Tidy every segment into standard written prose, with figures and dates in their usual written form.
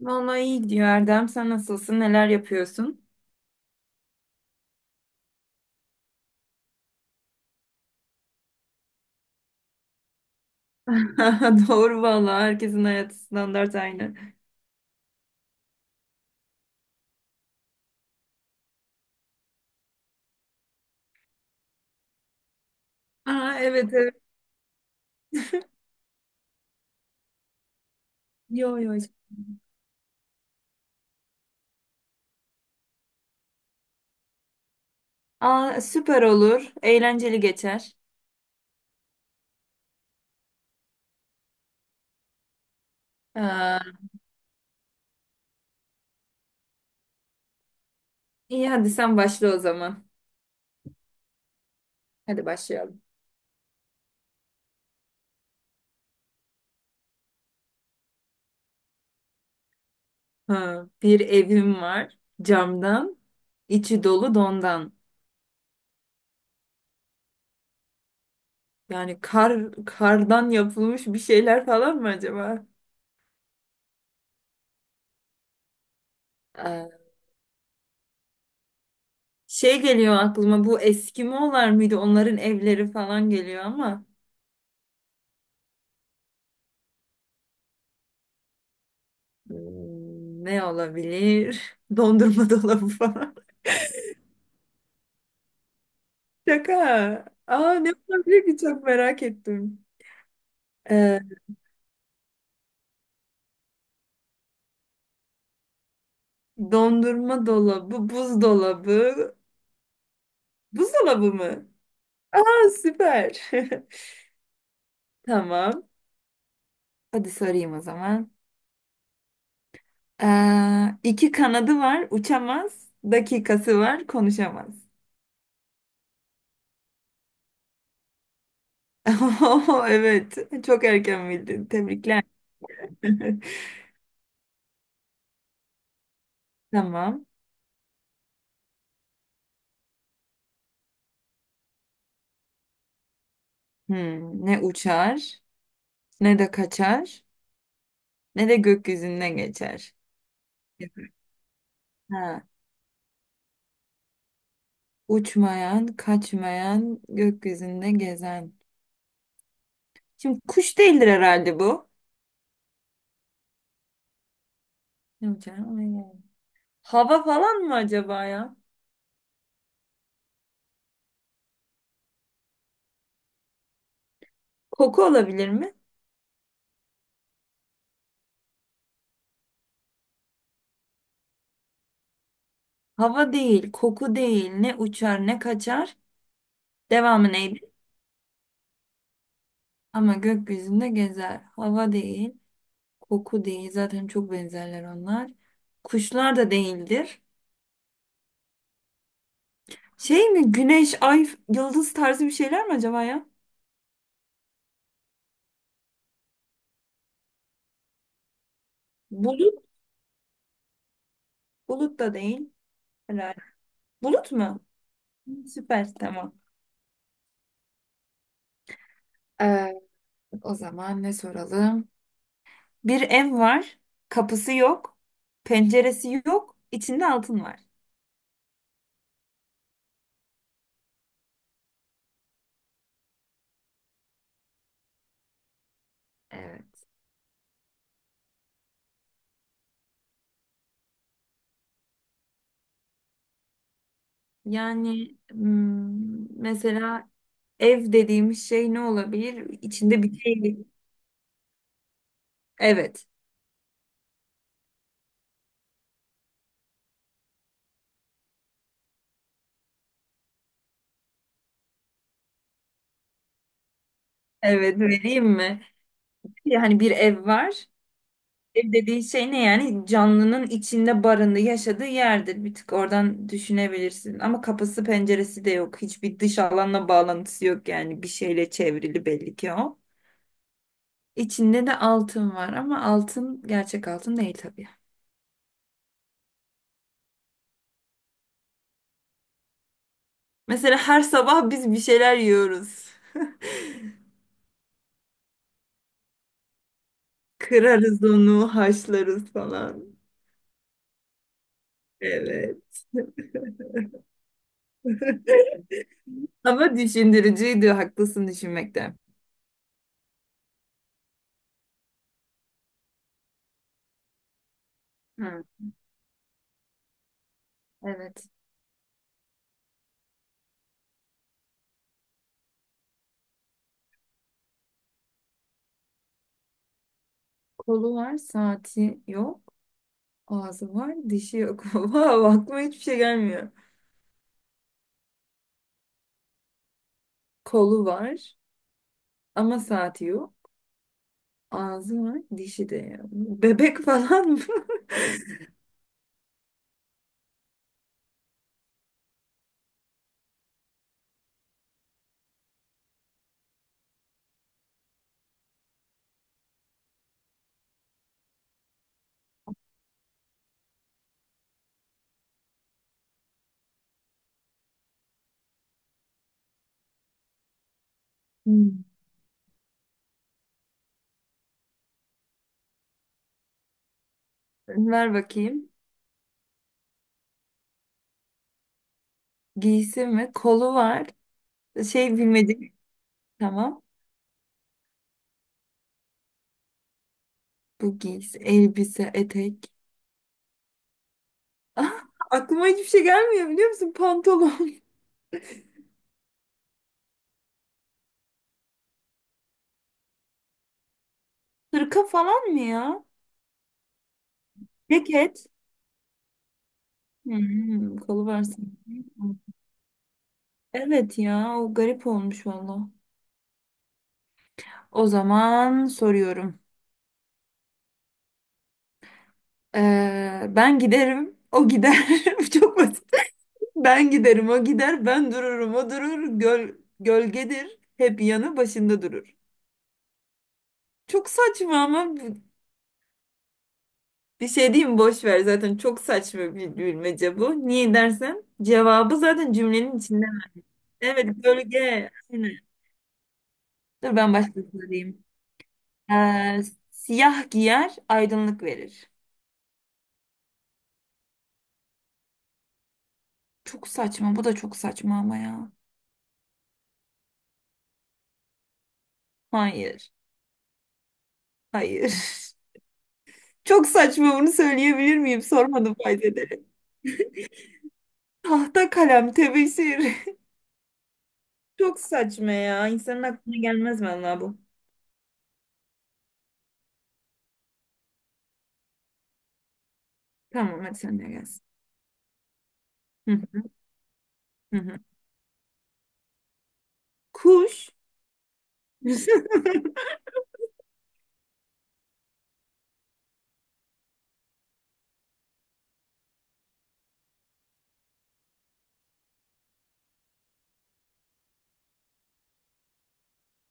Vallahi iyi gidiyor Erdem. Sen nasılsın? Neler yapıyorsun? Doğru vallahi. Herkesin hayatı standart aynı. Aa, evet evet. Yo yo, hiç. Aa, süper olur. Eğlenceli geçer. Aa, iyi, hadi sen başla o zaman. Hadi başlayalım. Ha, bir evim var camdan, içi dolu dondan. Yani kar, kardan yapılmış bir şeyler falan mı acaba? Aa, şey geliyor aklıma, bu Eskimo'lar mıydı? Onların evleri falan geliyor ama. Hmm, ne olabilir? Dondurma dolabı falan. Şaka. Aa, ne olabilir ki, çok merak ettim. Ee, Dondurma dolabı, buzdolabı. Buzdolabı mı? Aa, süper. Tamam. Hadi sorayım o zaman. İki kanadı var, uçamaz. Dakikası var, konuşamaz. Oo, evet, çok erken bildin. Tebrikler. Tamam. Hmm, ne uçar, ne de kaçar, ne de gökyüzünde geçer. Ha, uçmayan, kaçmayan, gökyüzünde gezen. Şimdi kuş değildir herhalde bu. Ne uçar? Ona gel. Hava falan mı acaba ya? Koku olabilir mi? Hava değil, koku değil. Ne uçar, ne kaçar. Devamı neydi? Ama gökyüzünde gezer. Hava değil, koku değil. Zaten çok benzerler onlar. Kuşlar da değildir. Şey mi? Güneş, ay, yıldız tarzı bir şeyler mi acaba ya? Bulut, bulut da değil. Bulut mu? Süper, tamam. Ee, O zaman ne soralım? Bir ev var. Kapısı yok. Penceresi yok. İçinde altın var. Evet. Yani mesela ev dediğimiz şey ne olabilir? İçinde bir şey. Evet. Evet, vereyim mi? Yani bir ev var. Ev dediğin şey ne yani? Canlının içinde barındığı, yaşadığı yerdir. Bir tık oradan düşünebilirsin. Ama kapısı penceresi de yok. Hiçbir dış alanla bağlantısı yok yani. Bir şeyle çevrili belli ki o. İçinde de altın var ama altın gerçek altın değil tabii. Mesela her sabah biz bir şeyler yiyoruz. Kırarız onu, haşlarız falan. Evet. Ama düşündürücüydü, haklısın düşünmekte. Hı, evet. Kolu var, saati yok. Ağzı var, dişi yok. Wow, aklıma hiçbir şey gelmiyor. Kolu var ama saati yok. Ağzı var, dişi de yok. Bebek falan mı? Hmm. Ver bakayım. Giysi mi? Kolu var. Şey, bilmedik. Tamam. Bu giysi, elbise, etek. Ah, aklıma hiçbir şey gelmiyor biliyor musun? Pantolon. Hırka falan mı ya? Ceket. Hmm, kolu var sanki. Evet ya, o garip olmuş valla. O zaman soruyorum. Ben giderim, o gider. Bu çok basit. Ben giderim, o gider. Ben dururum, o durur. Gölgedir. Hep yanı başında durur. Çok saçma ama bir şey diyeyim mi? Boş ver. Zaten çok saçma bir bilmece bu. Niye dersen cevabı zaten cümlenin içinde. Evet, gölge. Aynen. Dur ben başka sorayım. Ee, Siyah giyer, aydınlık verir. Çok saçma. Bu da çok saçma ama ya. Hayır. Hayır. Çok saçma, bunu söyleyebilir miyim? Sormadım fark ederek. Tahta, kalem, tebeşir. Çok saçma ya. İnsanın aklına gelmez vallahi bu. Tamam, hadi sen de gelsin. Hı hı hı. Kuş.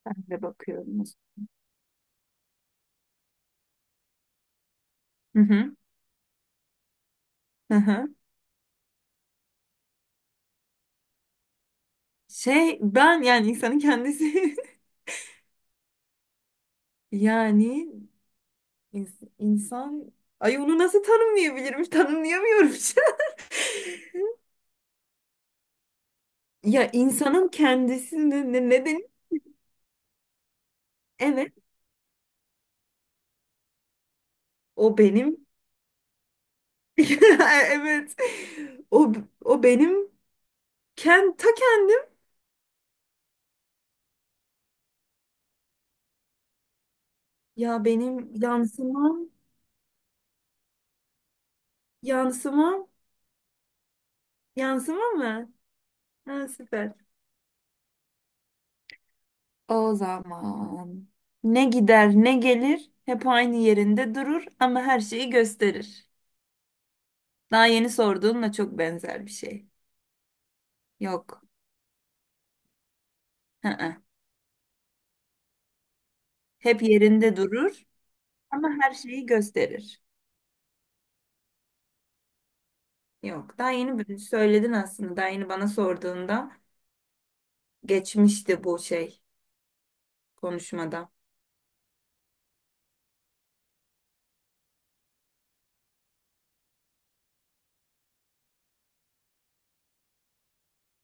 Ben de bakıyorum. Hı hı. Hı hı. Şey, ben yani insanın kendisi. Yani insan, ay onu nasıl tanımlayabilirim? Tanımlayamıyorum. Ya insanın kendisini ne denir? Evet, o benim. Evet. O o benim ta kendim. Ya benim yansımam, yansımam mı? Ha, süper. O zaman ne gider ne gelir, hep aynı yerinde durur ama her şeyi gösterir. Daha yeni sorduğunla çok benzer bir şey. Yok. Hı hı. Hep yerinde durur ama her şeyi gösterir. Yok. Daha yeni söyledin aslında. Daha yeni bana sorduğunda geçmişti bu şey konuşmada.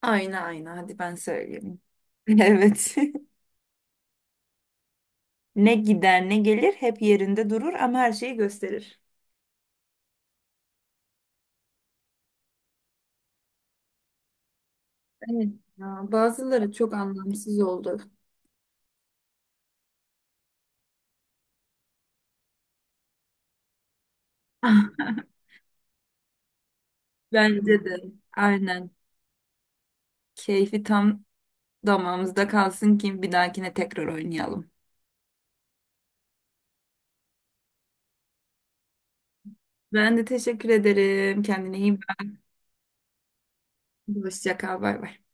Ayna, ayna, hadi ben söyleyeyim. Evet. Ne gider ne gelir, hep yerinde durur ama her şeyi gösterir. Evet ya, bazıları çok anlamsız oldu. Bence de. Aynen. Keyfi tam damağımızda kalsın ki bir dahakine tekrar oynayalım. Ben de teşekkür ederim. Kendine iyi bak. Hoşça kal. Bay bay.